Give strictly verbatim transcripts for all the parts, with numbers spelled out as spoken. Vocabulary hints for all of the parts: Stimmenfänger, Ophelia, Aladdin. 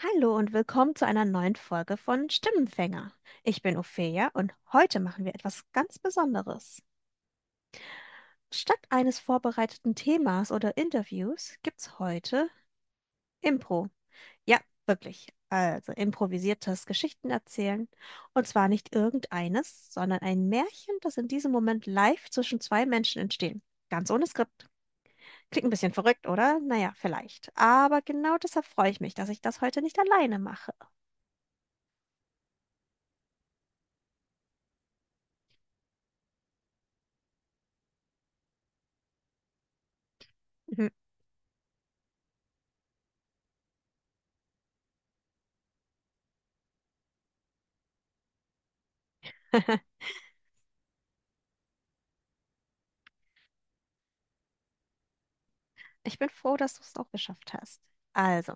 Hallo und willkommen zu einer neuen Folge von Stimmenfänger. Ich bin Ophelia und heute machen wir etwas ganz Besonderes. Statt eines vorbereiteten Themas oder Interviews gibt's heute Impro. Ja, wirklich. Also improvisiertes Geschichten erzählen. Und zwar nicht irgendeines, sondern ein Märchen, das in diesem Moment live zwischen zwei Menschen entstehen. Ganz ohne Skript. Klingt ein bisschen verrückt, oder? Naja, vielleicht. Aber genau deshalb freue ich mich, dass ich das heute nicht alleine mache. Ich bin froh, dass du es auch geschafft hast. Also,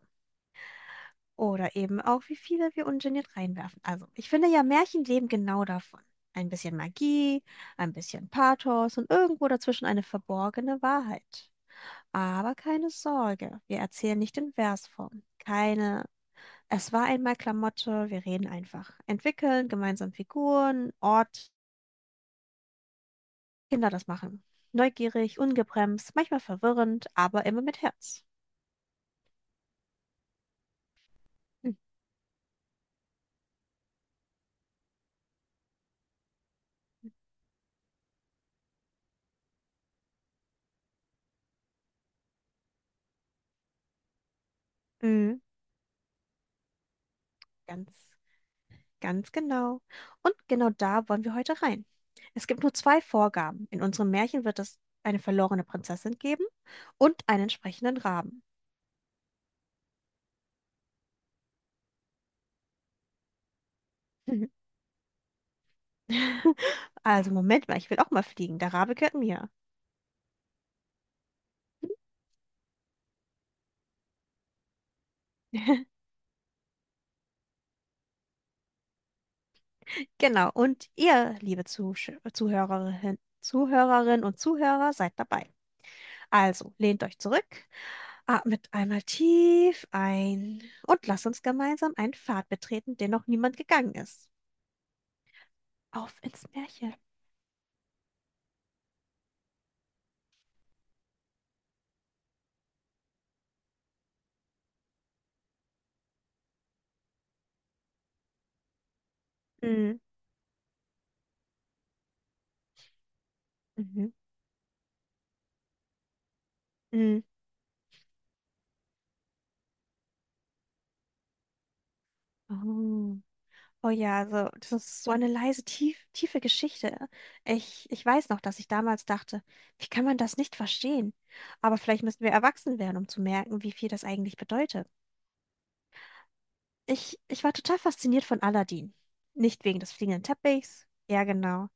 oder eben auch, wie viele wir ungeniert reinwerfen. Also, ich finde ja, Märchen leben genau davon. Ein bisschen Magie, ein bisschen Pathos und irgendwo dazwischen eine verborgene Wahrheit. Aber keine Sorge, wir erzählen nicht in Versform. Keine, es war einmal Klamotte, wir reden einfach. Entwickeln, gemeinsam Figuren, Ort, Kinder das machen. Neugierig, ungebremst, manchmal verwirrend, aber immer mit Herz. Mhm. Mhm. Ganz Ganz genau. Und genau da wollen wir heute rein. Es gibt nur zwei Vorgaben. In unserem Märchen wird es eine verlorene Prinzessin geben und einen entsprechenden Raben. Also Moment mal, ich will auch mal fliegen. Der Rabe gehört mir. Genau. Und ihr, liebe Zusch Zuhörerin, Zuhörerinnen und Zuhörer, seid dabei. Also lehnt euch zurück, atmet einmal tief ein und lasst uns gemeinsam einen Pfad betreten, den noch niemand gegangen ist. Auf ins Märchen. Mhm. Mhm. Oh. Oh ja, also das ist so eine leise, tief, tiefe Geschichte. Ich, ich weiß noch, dass ich damals dachte, wie kann man das nicht verstehen? Aber vielleicht müssen wir erwachsen werden, um zu merken, wie viel das eigentlich bedeutet. Ich, ich war total fasziniert von Aladdin. Nicht wegen des fliegenden Teppichs, ja genau.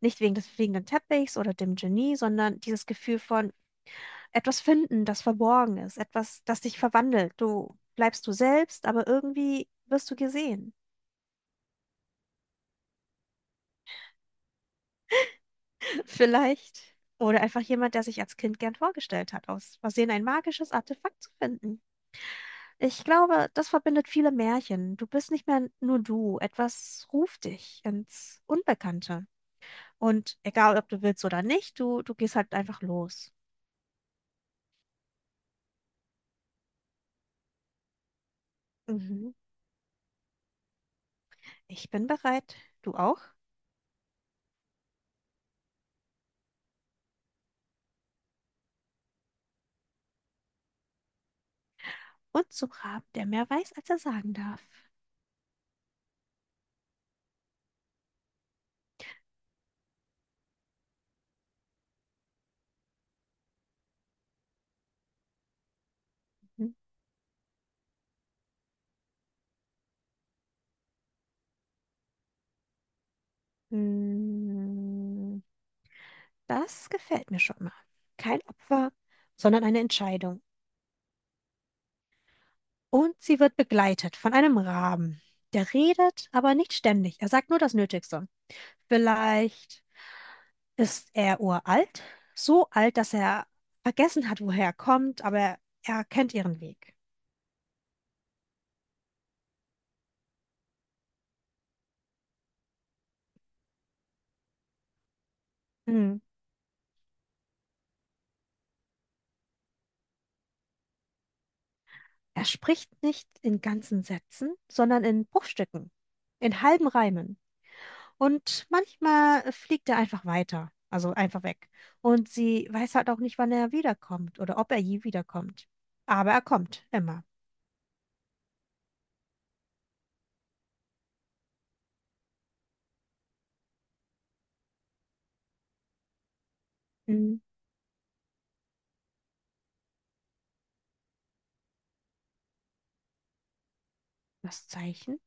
Nicht wegen des fliegenden Teppichs oder dem Genie, sondern dieses Gefühl von etwas finden, das verborgen ist, etwas, das dich verwandelt. Du bleibst du selbst, aber irgendwie wirst du gesehen. Vielleicht. Oder einfach jemand, der sich als Kind gern vorgestellt hat, aus Versehen ein magisches Artefakt zu finden. Ich glaube, das verbindet viele Märchen. Du bist nicht mehr nur du. Etwas ruft dich ins Unbekannte. Und egal, ob du willst oder nicht, du, du gehst halt einfach los. Mhm. Ich bin bereit. Du auch? Und zum Raben, der mehr weiß, als er sagen darf. Mhm. Hm, das gefällt mir schon mal. Kein Opfer, sondern eine Entscheidung. Und sie wird begleitet von einem Raben. Der redet, aber nicht ständig. Er sagt nur das Nötigste. Vielleicht ist er uralt, so alt, dass er vergessen hat, woher er kommt, aber er kennt ihren Weg. Hm. Er spricht nicht in ganzen Sätzen, sondern in Bruchstücken, in halben Reimen. Und manchmal fliegt er einfach weiter, also einfach weg. Und sie weiß halt auch nicht, wann er wiederkommt oder ob er je wiederkommt. Aber er kommt immer. Hm. Das Zeichen.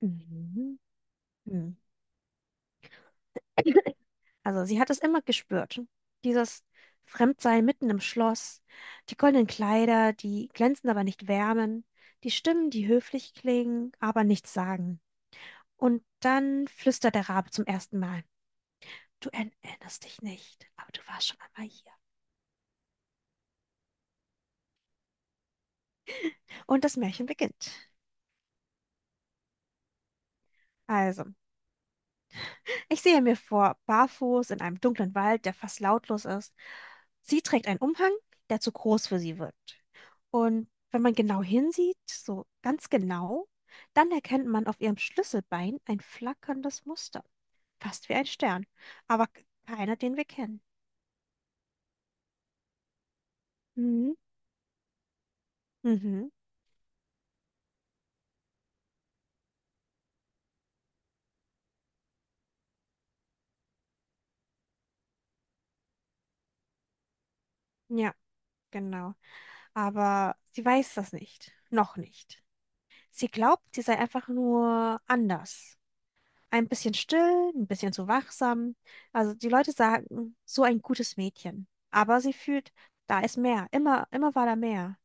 Mhm. Hm. Also sie hat es immer gespürt. Dieses Fremdsein mitten im Schloss, die goldenen Kleider, die glänzen aber nicht wärmen, die Stimmen, die höflich klingen, aber nichts sagen. Und dann flüstert der Rabe zum ersten Mal. Du erinnerst dich nicht, aber du warst schon einmal hier. Und das Märchen beginnt. Also. Ich sehe mir vor, barfuß in einem dunklen Wald, der fast lautlos ist. Sie trägt einen Umhang, der zu groß für sie wirkt. Und wenn man genau hinsieht, so ganz genau, dann erkennt man auf ihrem Schlüsselbein ein flackerndes Muster. Fast wie ein Stern, aber k- keiner, den wir kennen. Mhm. Mhm. Ja, genau. Aber sie weiß das nicht. Noch nicht. Sie glaubt, sie sei einfach nur anders. Ein bisschen still, ein bisschen zu wachsam. Also die Leute sagen, so ein gutes Mädchen. Aber sie fühlt, da ist mehr. Immer, immer war da mehr.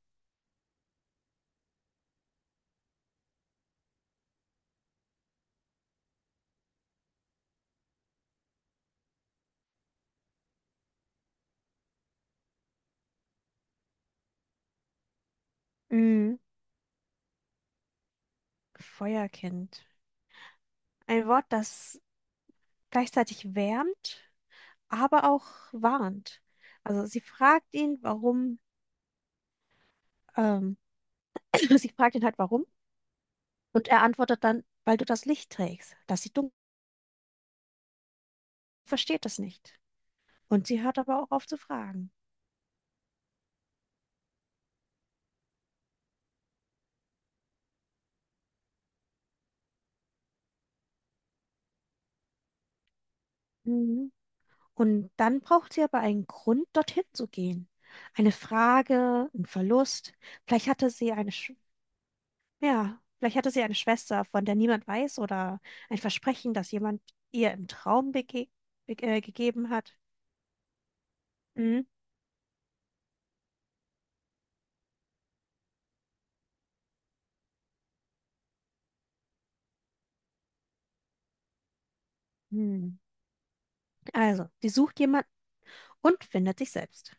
Mhm. Feuerkind. Ein Wort, das gleichzeitig wärmt, aber auch warnt. Also sie fragt ihn, warum, ähm, sie fragt ihn halt, warum. Und er antwortet dann, weil du das Licht trägst. Das sieht dunkel, versteht das nicht. Und sie hört aber auch auf zu fragen. Mhm. Und dann braucht sie aber einen Grund, dorthin zu gehen. Eine Frage, ein Verlust. Vielleicht hatte sie eine, Sch ja, vielleicht hatte sie eine Schwester, von der niemand weiß, oder ein Versprechen, das jemand ihr im Traum bege be äh, gegeben hat. Mhm. Hm. Also, sie sucht jemanden und findet sich selbst.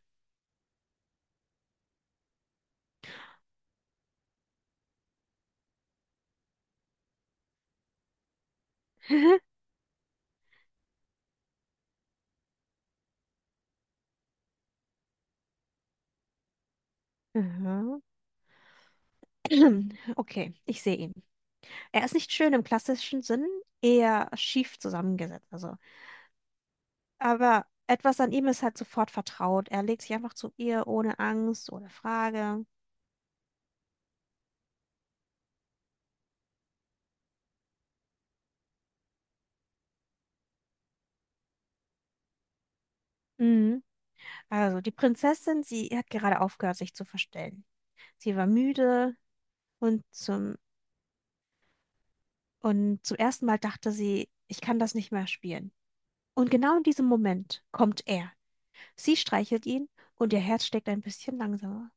Aha. Okay, ich sehe ihn. Er ist nicht schön im klassischen Sinn, eher schief zusammengesetzt. Also aber etwas an ihm ist halt sofort vertraut. Er legt sich einfach zu ihr ohne Angst, ohne Frage. Mhm. Also die Prinzessin, sie hat gerade aufgehört, sich zu verstellen. Sie war müde und zum, und zum ersten Mal dachte sie, ich kann das nicht mehr spielen. Und genau in diesem Moment kommt er. Sie streichelt ihn und ihr Herz schlägt ein bisschen langsamer.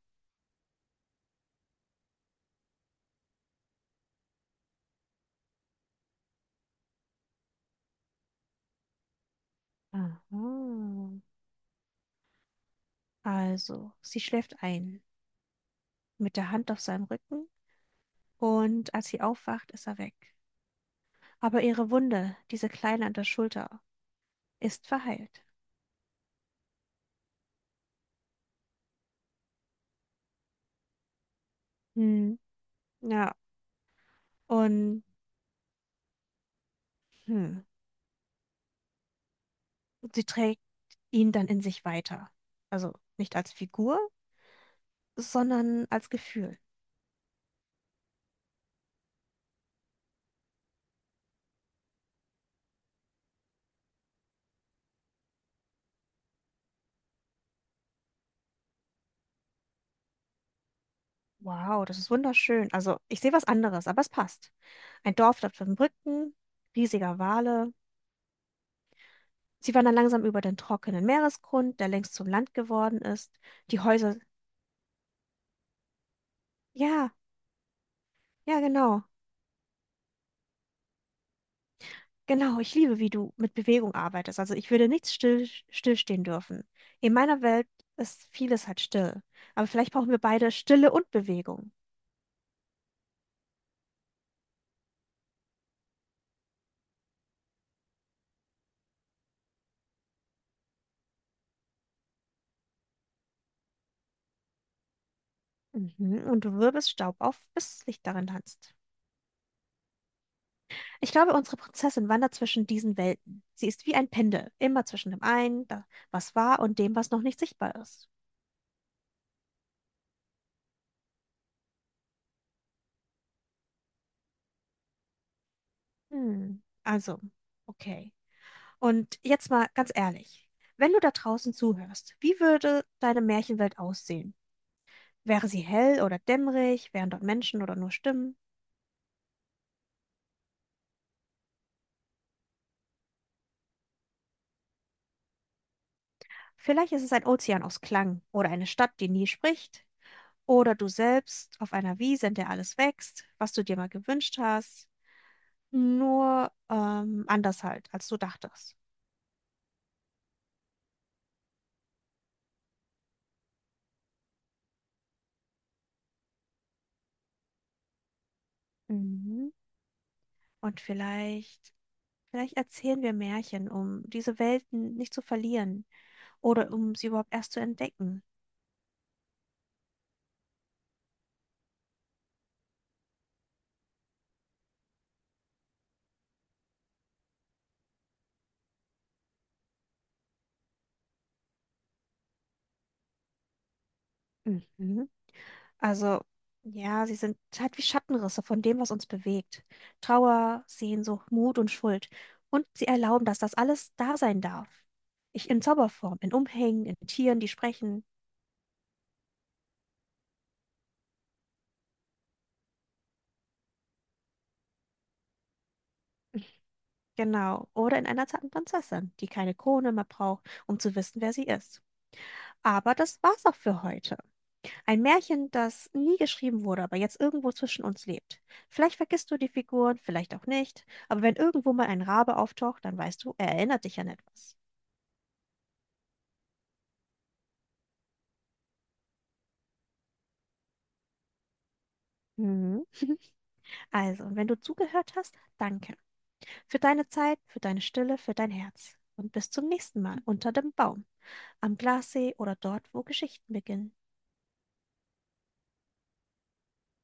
Aha. Also, sie schläft ein, mit der Hand auf seinem Rücken und als sie aufwacht, ist er weg. Aber ihre Wunde, diese kleine an der Schulter, ist verheilt. Hm, ja, und hm, sie trägt ihn dann in sich weiter. Also nicht als Figur, sondern als Gefühl. Wow, das ist wunderschön. Also ich sehe was anderes, aber es passt. Ein Dorf dort von Brücken, riesiger Wale. Sie wandern langsam über den trockenen Meeresgrund, der längst zum Land geworden ist. Die Häuser, ja, ja, genau. Genau, ich liebe, wie du mit Bewegung arbeitest. Also ich würde nichts still, stillstehen dürfen. In meiner Welt ist vieles halt still. Aber vielleicht brauchen wir beide Stille und Bewegung. Mhm. Und du wirbelst Staub auf, bis Licht darin tanzt. Ich glaube, unsere Prinzessin wandert zwischen diesen Welten. Sie ist wie ein Pendel, immer zwischen dem einen, da- was war, und dem, was noch nicht sichtbar ist. Hm. Also, okay. Und jetzt mal ganz ehrlich. Wenn du da draußen zuhörst, wie würde deine Märchenwelt aussehen? Wäre sie hell oder dämmerig? Wären dort Menschen oder nur Stimmen? Vielleicht ist es ein Ozean aus Klang oder eine Stadt, die nie spricht. Oder du selbst auf einer Wiese, in der alles wächst, was du dir mal gewünscht hast. Nur ähm, anders halt, als du dachtest. Mhm. Und vielleicht, vielleicht erzählen wir Märchen, um diese Welten nicht zu verlieren oder um sie überhaupt erst zu entdecken. Mhm. Also, ja, sie sind halt wie Schattenrisse von dem, was uns bewegt. Trauer, Sehnsucht, Mut und Schuld. Und sie erlauben, dass das alles da sein darf. Ich in Zauberform, in Umhängen, in Tieren, die sprechen. Genau. Oder in einer zarten Prinzessin, die keine Krone mehr braucht, um zu wissen, wer sie ist. Aber das war's auch für heute. Ein Märchen, das nie geschrieben wurde, aber jetzt irgendwo zwischen uns lebt. Vielleicht vergisst du die Figuren, vielleicht auch nicht. Aber wenn irgendwo mal ein Rabe auftaucht, dann weißt du, er erinnert dich an etwas. Mhm. Also, und wenn du zugehört hast, danke für deine Zeit, für deine Stille, für dein Herz. Und bis zum nächsten Mal unter dem Baum, am Glassee oder dort, wo Geschichten beginnen.